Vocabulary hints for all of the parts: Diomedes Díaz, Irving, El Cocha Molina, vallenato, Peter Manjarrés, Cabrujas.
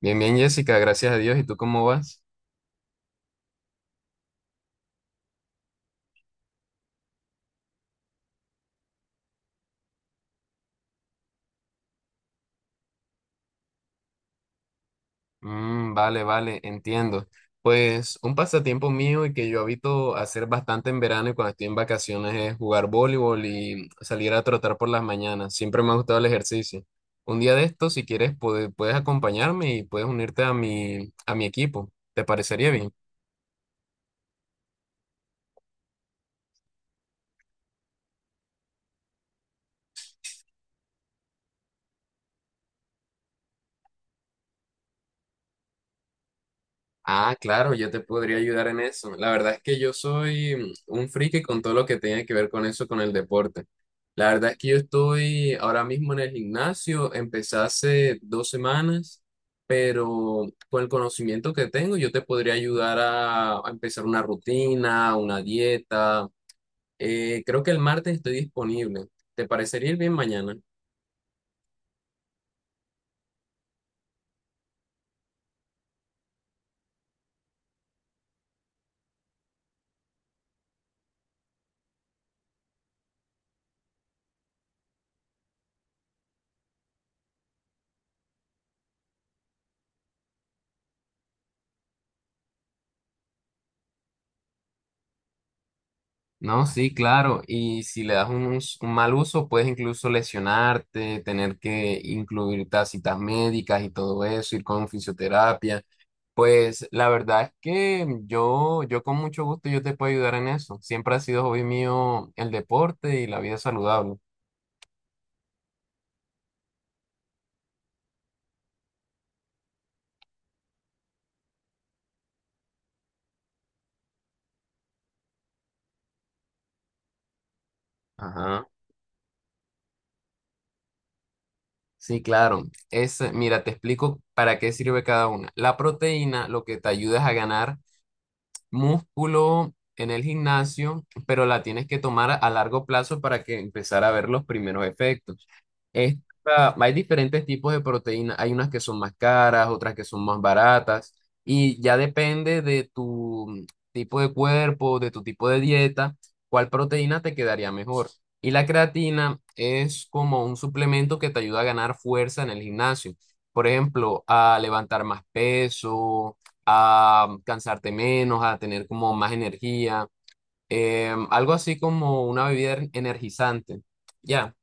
Bien, bien, Jessica, gracias a Dios. ¿Y tú cómo vas? Vale, vale, entiendo. Pues un pasatiempo mío y que yo habito hacer bastante en verano y cuando estoy en vacaciones es jugar voleibol y salir a trotar por las mañanas. Siempre me ha gustado el ejercicio. Un día de estos, si quieres, puedes acompañarme y puedes unirte a mi equipo. ¿Te parecería bien? Ah, claro, yo te podría ayudar en eso. La verdad es que yo soy un friki con todo lo que tenga que ver con eso, con el deporte. La verdad es que yo estoy ahora mismo en el gimnasio, empecé hace dos semanas, pero con el conocimiento que tengo, yo te podría ayudar a empezar una rutina, una dieta. Creo que el martes estoy disponible. ¿Te parecería ir bien mañana? No, sí, claro. Y si le das un mal uso, puedes incluso lesionarte, tener que incluir citas médicas y todo eso, ir con fisioterapia. Pues la verdad es que yo con mucho gusto yo te puedo ayudar en eso. Siempre ha sido hobby mío el deporte y la vida saludable. Ajá. Sí, claro. Es, mira, te explico para qué sirve cada una. La proteína lo que te ayuda es a ganar músculo en el gimnasio, pero la tienes que tomar a largo plazo para que empezar a ver los primeros efectos. Hay diferentes tipos de proteínas, hay unas que son más caras, otras que son más baratas, y ya depende de tu tipo de cuerpo, de tu tipo de dieta, cuál proteína te quedaría mejor. Y la creatina es como un suplemento que te ayuda a ganar fuerza en el gimnasio. Por ejemplo, a levantar más peso, a cansarte menos, a tener como más energía, algo así como una bebida energizante. Ya,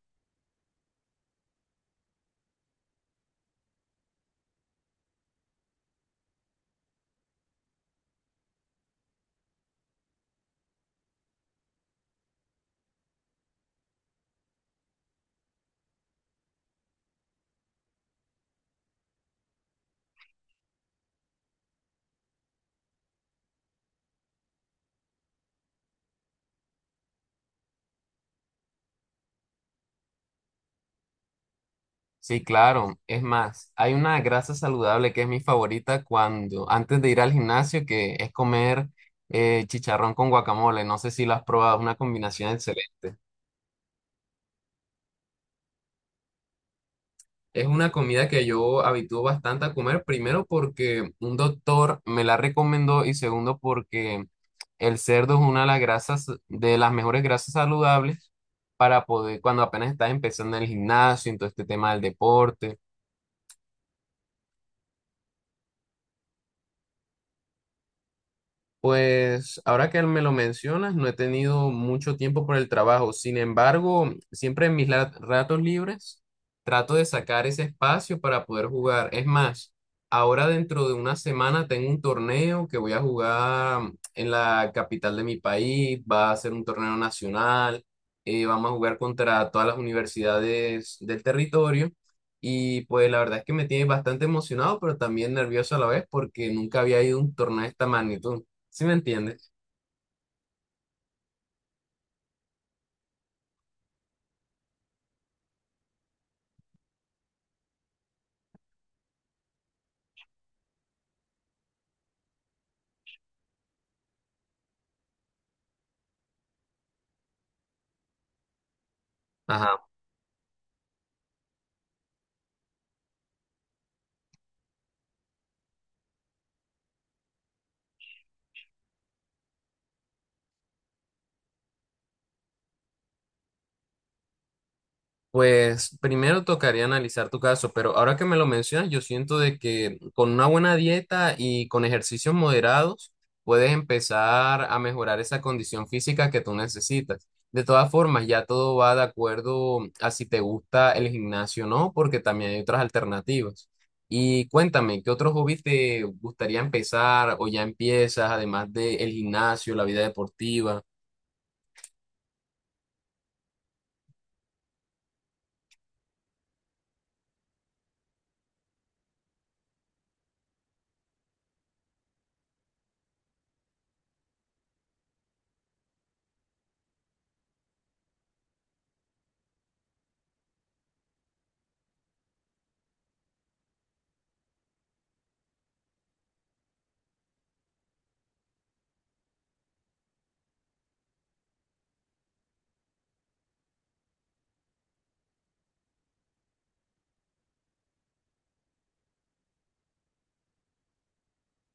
sí, claro. Es más, hay una grasa saludable que es mi favorita cuando, antes de ir al gimnasio, que es comer chicharrón con guacamole. No sé si lo has probado, es una combinación excelente. Es una comida que yo habitúo bastante a comer, primero porque un doctor me la recomendó y segundo porque el cerdo es una de las grasas, de las mejores grasas saludables para poder, cuando apenas estás empezando en el gimnasio, en todo este tema del deporte. Pues ahora que me lo mencionas, no he tenido mucho tiempo por el trabajo. Sin embargo, siempre en mis ratos libres trato de sacar ese espacio para poder jugar. Es más, ahora dentro de una semana tengo un torneo que voy a jugar en la capital de mi país. Va a ser un torneo nacional. Eh, vamos a jugar contra todas las universidades del territorio. Y pues la verdad es que me tiene bastante emocionado, pero también nervioso a la vez porque nunca había ido a un torneo de esta magnitud. ¿Sí me entiendes? Ajá. Pues primero tocaría analizar tu caso, pero ahora que me lo mencionas, yo siento de que con una buena dieta y con ejercicios moderados puedes empezar a mejorar esa condición física que tú necesitas. De todas formas, ya todo va de acuerdo a si te gusta el gimnasio o no, porque también hay otras alternativas. Y cuéntame, ¿qué otro hobby te gustaría empezar o ya empiezas, además del gimnasio, la vida deportiva?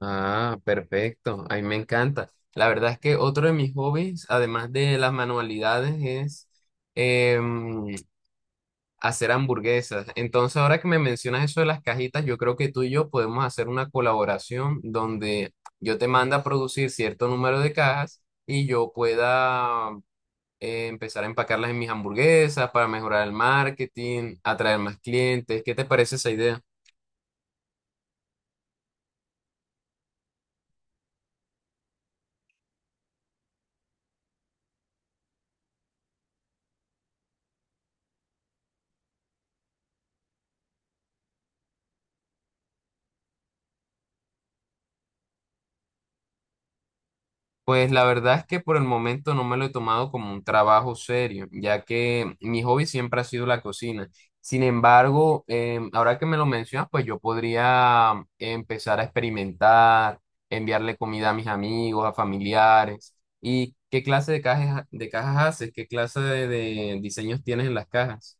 Ah, perfecto. A mí me encanta. La verdad es que otro de mis hobbies, además de las manualidades, es em, hacer hamburguesas. Entonces, ahora que me mencionas eso de las cajitas, yo creo que tú y yo podemos hacer una colaboración donde yo te mando a producir cierto número de cajas y yo pueda empezar a empacarlas en mis hamburguesas para mejorar el marketing, atraer más clientes. ¿Qué te parece esa idea? Pues la verdad es que por el momento no me lo he tomado como un trabajo serio, ya que mi hobby siempre ha sido la cocina. Sin embargo, ahora que me lo mencionas, pues yo podría empezar a experimentar, enviarle comida a mis amigos, a familiares. ¿Y qué clase de cajas haces? ¿Qué clase de diseños tienes en las cajas?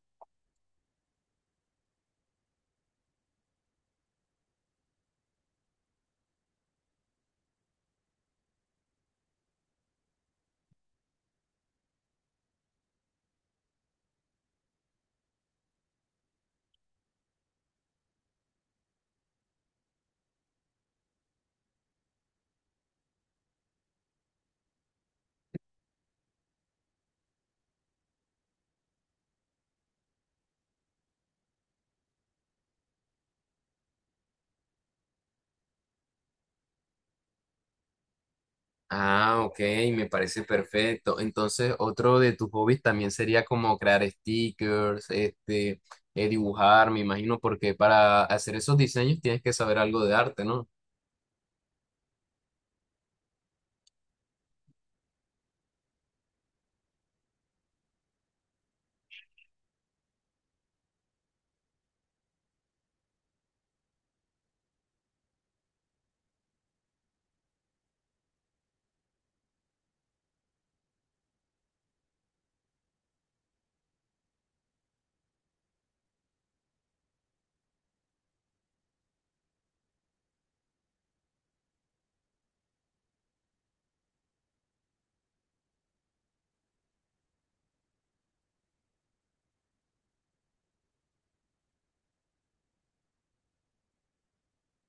Ah, ok, me parece perfecto. Entonces, otro de tus hobbies también sería como crear stickers, este, dibujar, me imagino, porque para hacer esos diseños tienes que saber algo de arte, ¿no?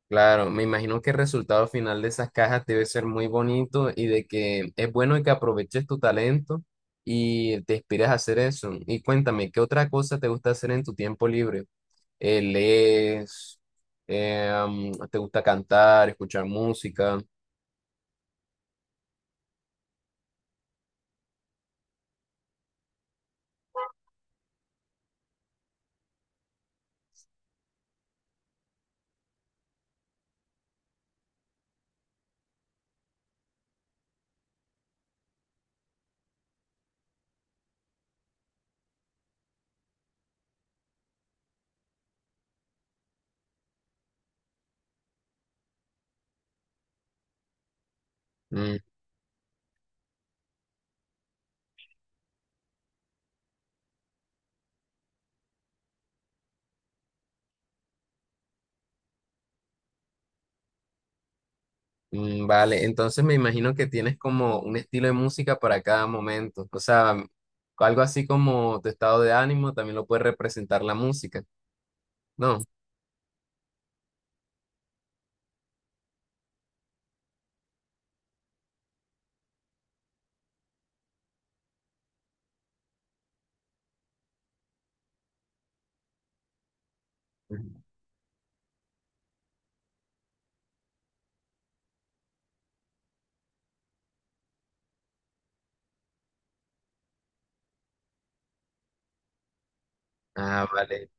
Claro, me imagino que el resultado final de esas cajas debe ser muy bonito y de que es bueno que aproveches tu talento y te inspires a hacer eso. Y cuéntame, ¿qué otra cosa te gusta hacer en tu tiempo libre? ¿Lees? ¿Te gusta cantar, escuchar música? Mm. Mm, vale, entonces me imagino que tienes como un estilo de música para cada momento, o sea, algo así como tu estado de ánimo también lo puede representar la música, ¿no? Ujú. Ah, vale.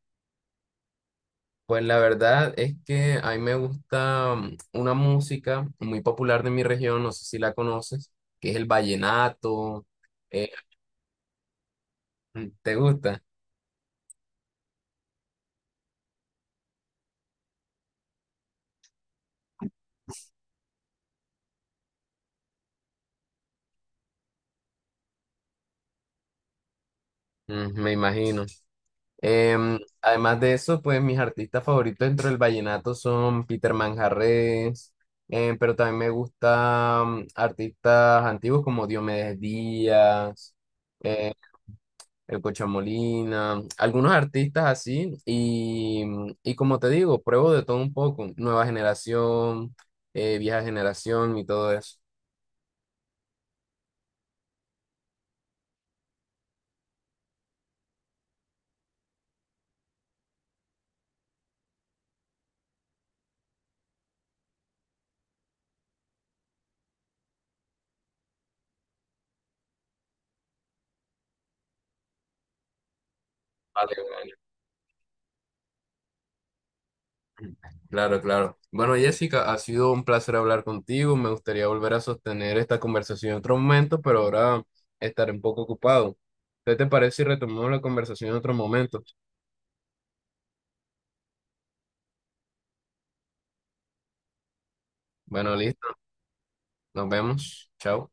Pues la verdad es que a mí me gusta una música muy popular de mi región, no sé si la conoces, que es el vallenato. Eh, ¿Te gusta? Mm, me imagino. Además de eso, pues mis artistas favoritos dentro del vallenato son Peter Manjarrés, pero también me gustan artistas antiguos como Diomedes Díaz, eh, El Cocha Molina, algunos artistas así, y, y como te digo, pruebo de todo un poco, nueva generación, vieja generación y todo eso. Vale, claro, claro. Bueno, Jessica, ha sido un placer hablar contigo. Me gustaría volver a sostener esta conversación en otro momento, pero ahora estaré un poco ocupado. ¿Te parece si retomamos la conversación en otro momento? Bueno, listo. Nos vemos. Chao.